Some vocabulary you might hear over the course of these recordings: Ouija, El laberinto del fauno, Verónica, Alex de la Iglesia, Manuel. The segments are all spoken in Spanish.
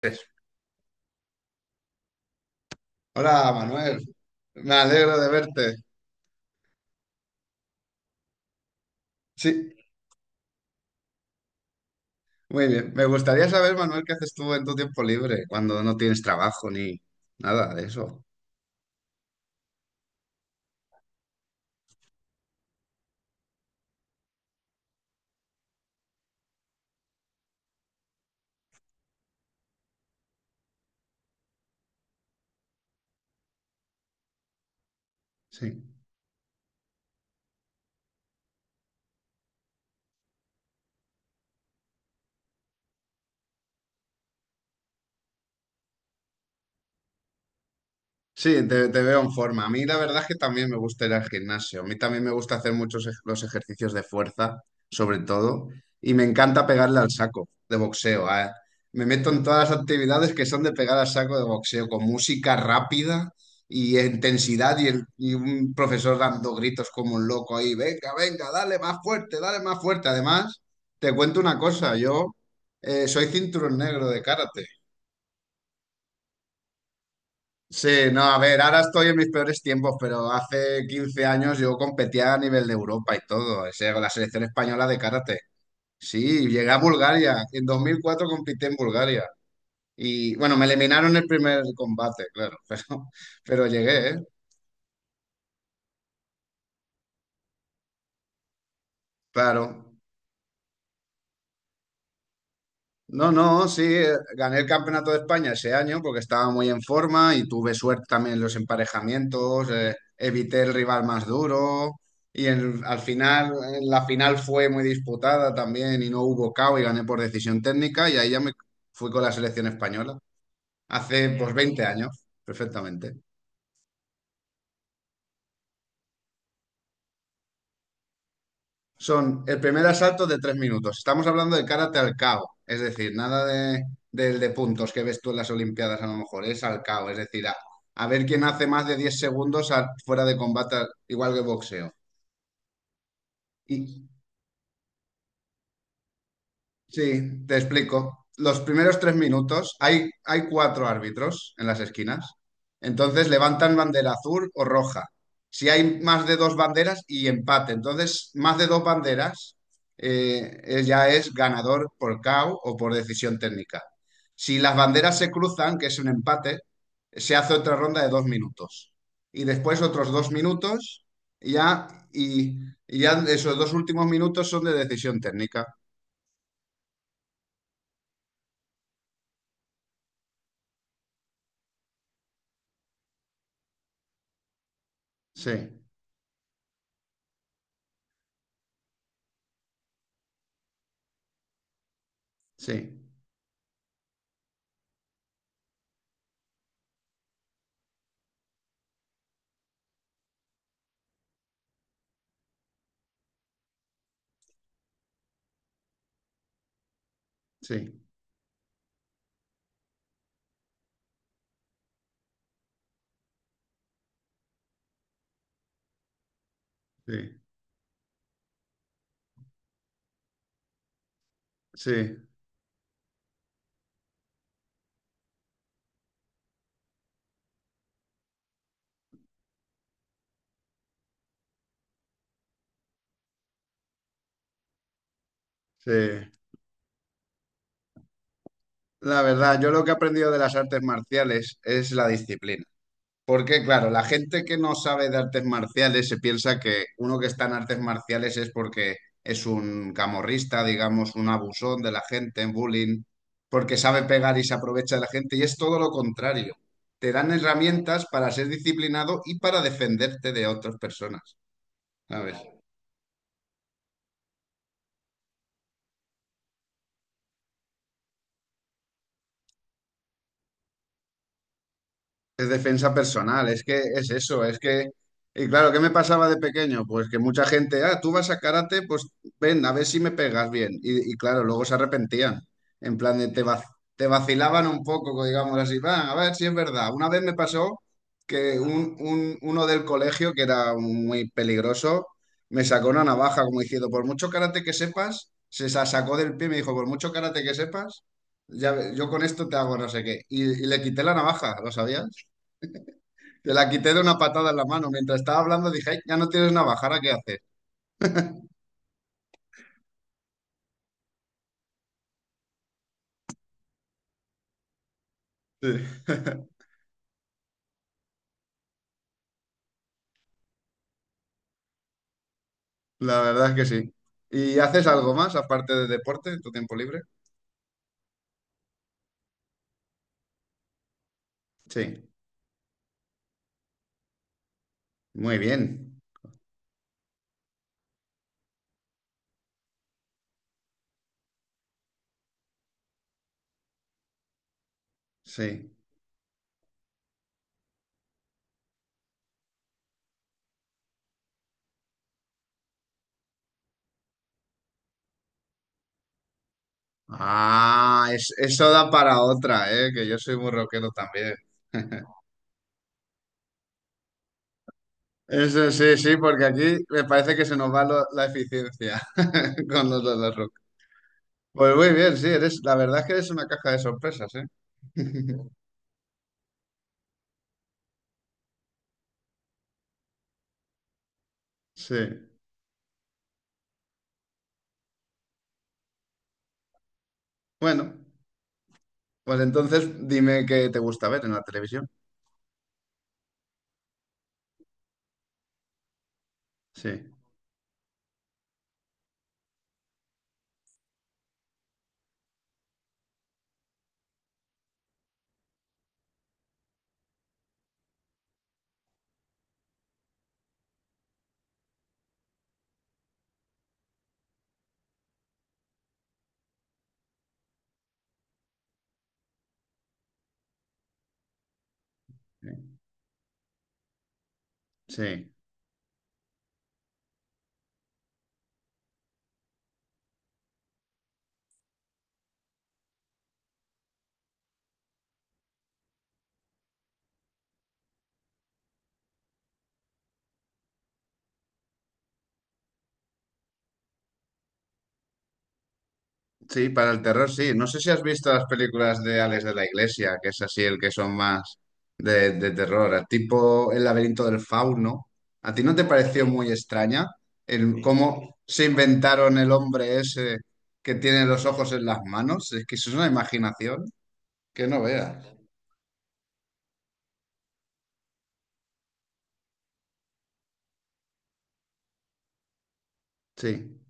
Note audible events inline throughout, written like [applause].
Pues, hola, Manuel. Me alegro de verte. Sí, muy bien. Me gustaría saber, Manuel, qué haces tú en tu tiempo libre cuando no tienes trabajo ni nada de eso. Sí. Sí, te veo en forma. A mí la verdad es que también me gusta ir al gimnasio. A mí también me gusta hacer los ejercicios de fuerza, sobre todo, y me encanta pegarle al saco de boxeo. Me meto en todas las actividades que son de pegar al saco de boxeo, con música rápida y intensidad y un profesor dando gritos como un loco ahí, venga, venga, dale más fuerte, dale más fuerte. Además, te cuento una cosa, yo soy cinturón negro de karate. Sí, no, a ver, ahora estoy en mis peores tiempos, pero hace 15 años yo competía a nivel de Europa y todo, o sea, con la selección española de karate. Sí, llegué a Bulgaria, en 2004 competí en Bulgaria y bueno, me eliminaron el primer combate, claro, [laughs] pero llegué, ¿eh? Claro. No, no, sí, gané el Campeonato de España ese año porque estaba muy en forma y tuve suerte también en los emparejamientos, evité el rival más duro y al final, en la final fue muy disputada también y no hubo KO y gané por decisión técnica y ahí ya me fui con la selección española hace pues 20 años, perfectamente. Son el primer asalto de 3 minutos. Estamos hablando de karate al cao, es decir, nada de, del de puntos que ves tú en las Olimpiadas a lo mejor, es al cao, es decir, a ver quién hace más de 10 segundos fuera de combate, igual que boxeo. Sí, te explico. Los primeros 3 minutos hay cuatro árbitros en las esquinas. Entonces levantan bandera azul o roja. Si hay más de dos banderas y empate. Entonces, más de dos banderas ya es ganador por KO o por decisión técnica. Si las banderas se cruzan, que es un empate, se hace otra ronda de 2 minutos. Y después otros 2 minutos y ya, y, y ya esos dos últimos minutos son de decisión técnica. Sí. Sí, sí, sí, sí, sí. La verdad, yo lo que he aprendido de las artes marciales es la disciplina. Porque, claro, la gente que no sabe de artes marciales se piensa que uno que está en artes marciales es porque es un camorrista, digamos, un abusón de la gente, un bullying, porque sabe pegar y se aprovecha de la gente. Y es todo lo contrario. Te dan herramientas para ser disciplinado y para defenderte de otras personas, ¿sabes? Es defensa personal, es que es eso, es que... Y claro, ¿qué me pasaba de pequeño? Pues que mucha gente, ah, tú vas a karate, pues ven, a ver si me pegas bien. Y claro, luego se arrepentían, en plan de te vacilaban un poco, digamos así, va, a ver si es verdad. Una vez me pasó que uno del colegio, que era muy peligroso, me sacó una navaja como diciendo, por mucho karate que sepas, sacó del pie y me dijo, por mucho karate que sepas, ya, yo con esto te hago no sé qué. Y le quité la navaja, ¿lo sabías? Te la quité de una patada en la mano. Mientras estaba hablando dije, "Ay, ya no tienes navajara, ¿qué haces? Sí, [laughs] la verdad es que sí. ¿Y haces algo más aparte de deporte en tu tiempo libre? Sí, muy bien. Sí. Ah, eso da para otra, ¿eh? Que yo soy muy rockero también. [laughs] Eso sí, sí, porque aquí me parece que se nos va la eficiencia [laughs] con los de la rock. Pues muy bien, sí, eres, la verdad es que eres una caja de sorpresas, ¿eh? [laughs] Sí. Bueno. Pues entonces dime qué te gusta ver en la televisión. Sí, sí, sí, sí, para el terror sí. No sé si has visto las películas de Alex de la Iglesia, que es así el que son más de terror, tipo El laberinto del fauno. ¿A ti no te pareció muy extraña el cómo se inventaron el hombre ese que tiene los ojos en las manos? Es que eso es una imaginación que no veas. Sí,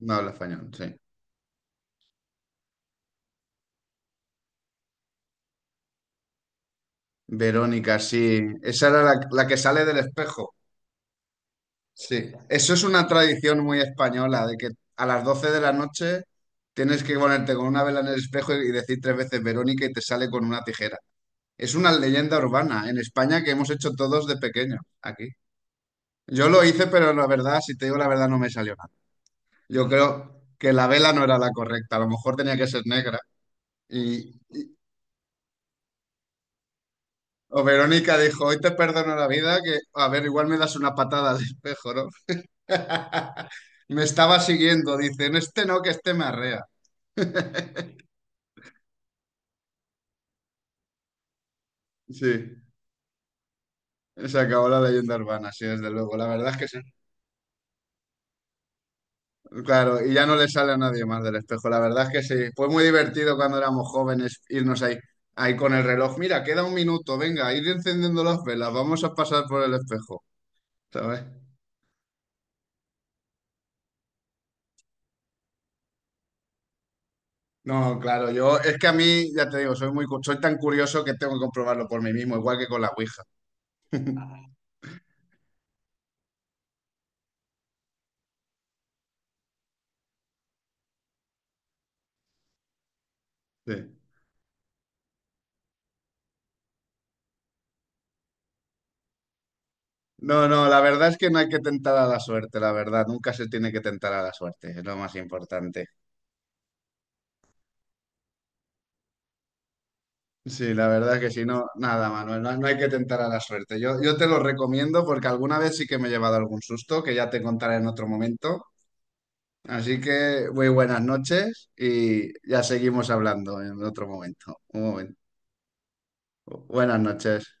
no habla español, sí. Verónica, sí. Esa era la que sale del espejo. Sí, eso es una tradición muy española, de que a las 12 de la noche tienes que ponerte con una vela en el espejo y decir 3 veces Verónica y te sale con una tijera. Es una leyenda urbana en España que hemos hecho todos de pequeño aquí. Yo lo hice, pero la verdad, si te digo la verdad, no me salió nada. Yo creo que la vela no era la correcta, a lo mejor tenía que ser negra. Y o Verónica dijo, hoy te perdono la vida, que a ver, igual me das una patada al espejo, ¿no? [laughs] Me estaba siguiendo, dicen, este no, que este me arrea. [laughs] Sí, se acabó la leyenda urbana, sí, desde luego. La verdad es que sí. Claro, y ya no le sale a nadie más del espejo. La verdad es que sí. Fue muy divertido cuando éramos jóvenes irnos ahí, ahí con el reloj. Mira, queda un minuto, venga, ir encendiendo las velas, vamos a pasar por el espejo, ¿sabes? No, claro, yo es que a mí, ya te digo, soy muy, soy tan curioso que tengo que comprobarlo por mí mismo, igual que con la Ouija. Sí. No, no, la verdad es que no hay que tentar a la suerte, la verdad. Nunca se tiene que tentar a la suerte, es lo más importante. Sí, la verdad es que si no, nada, Manuel, no, no hay que tentar a la suerte. Yo te lo recomiendo porque alguna vez sí que me he llevado algún susto, que ya te contaré en otro momento. Así que muy buenas noches y ya seguimos hablando en otro momento. Un momento. Buenas noches.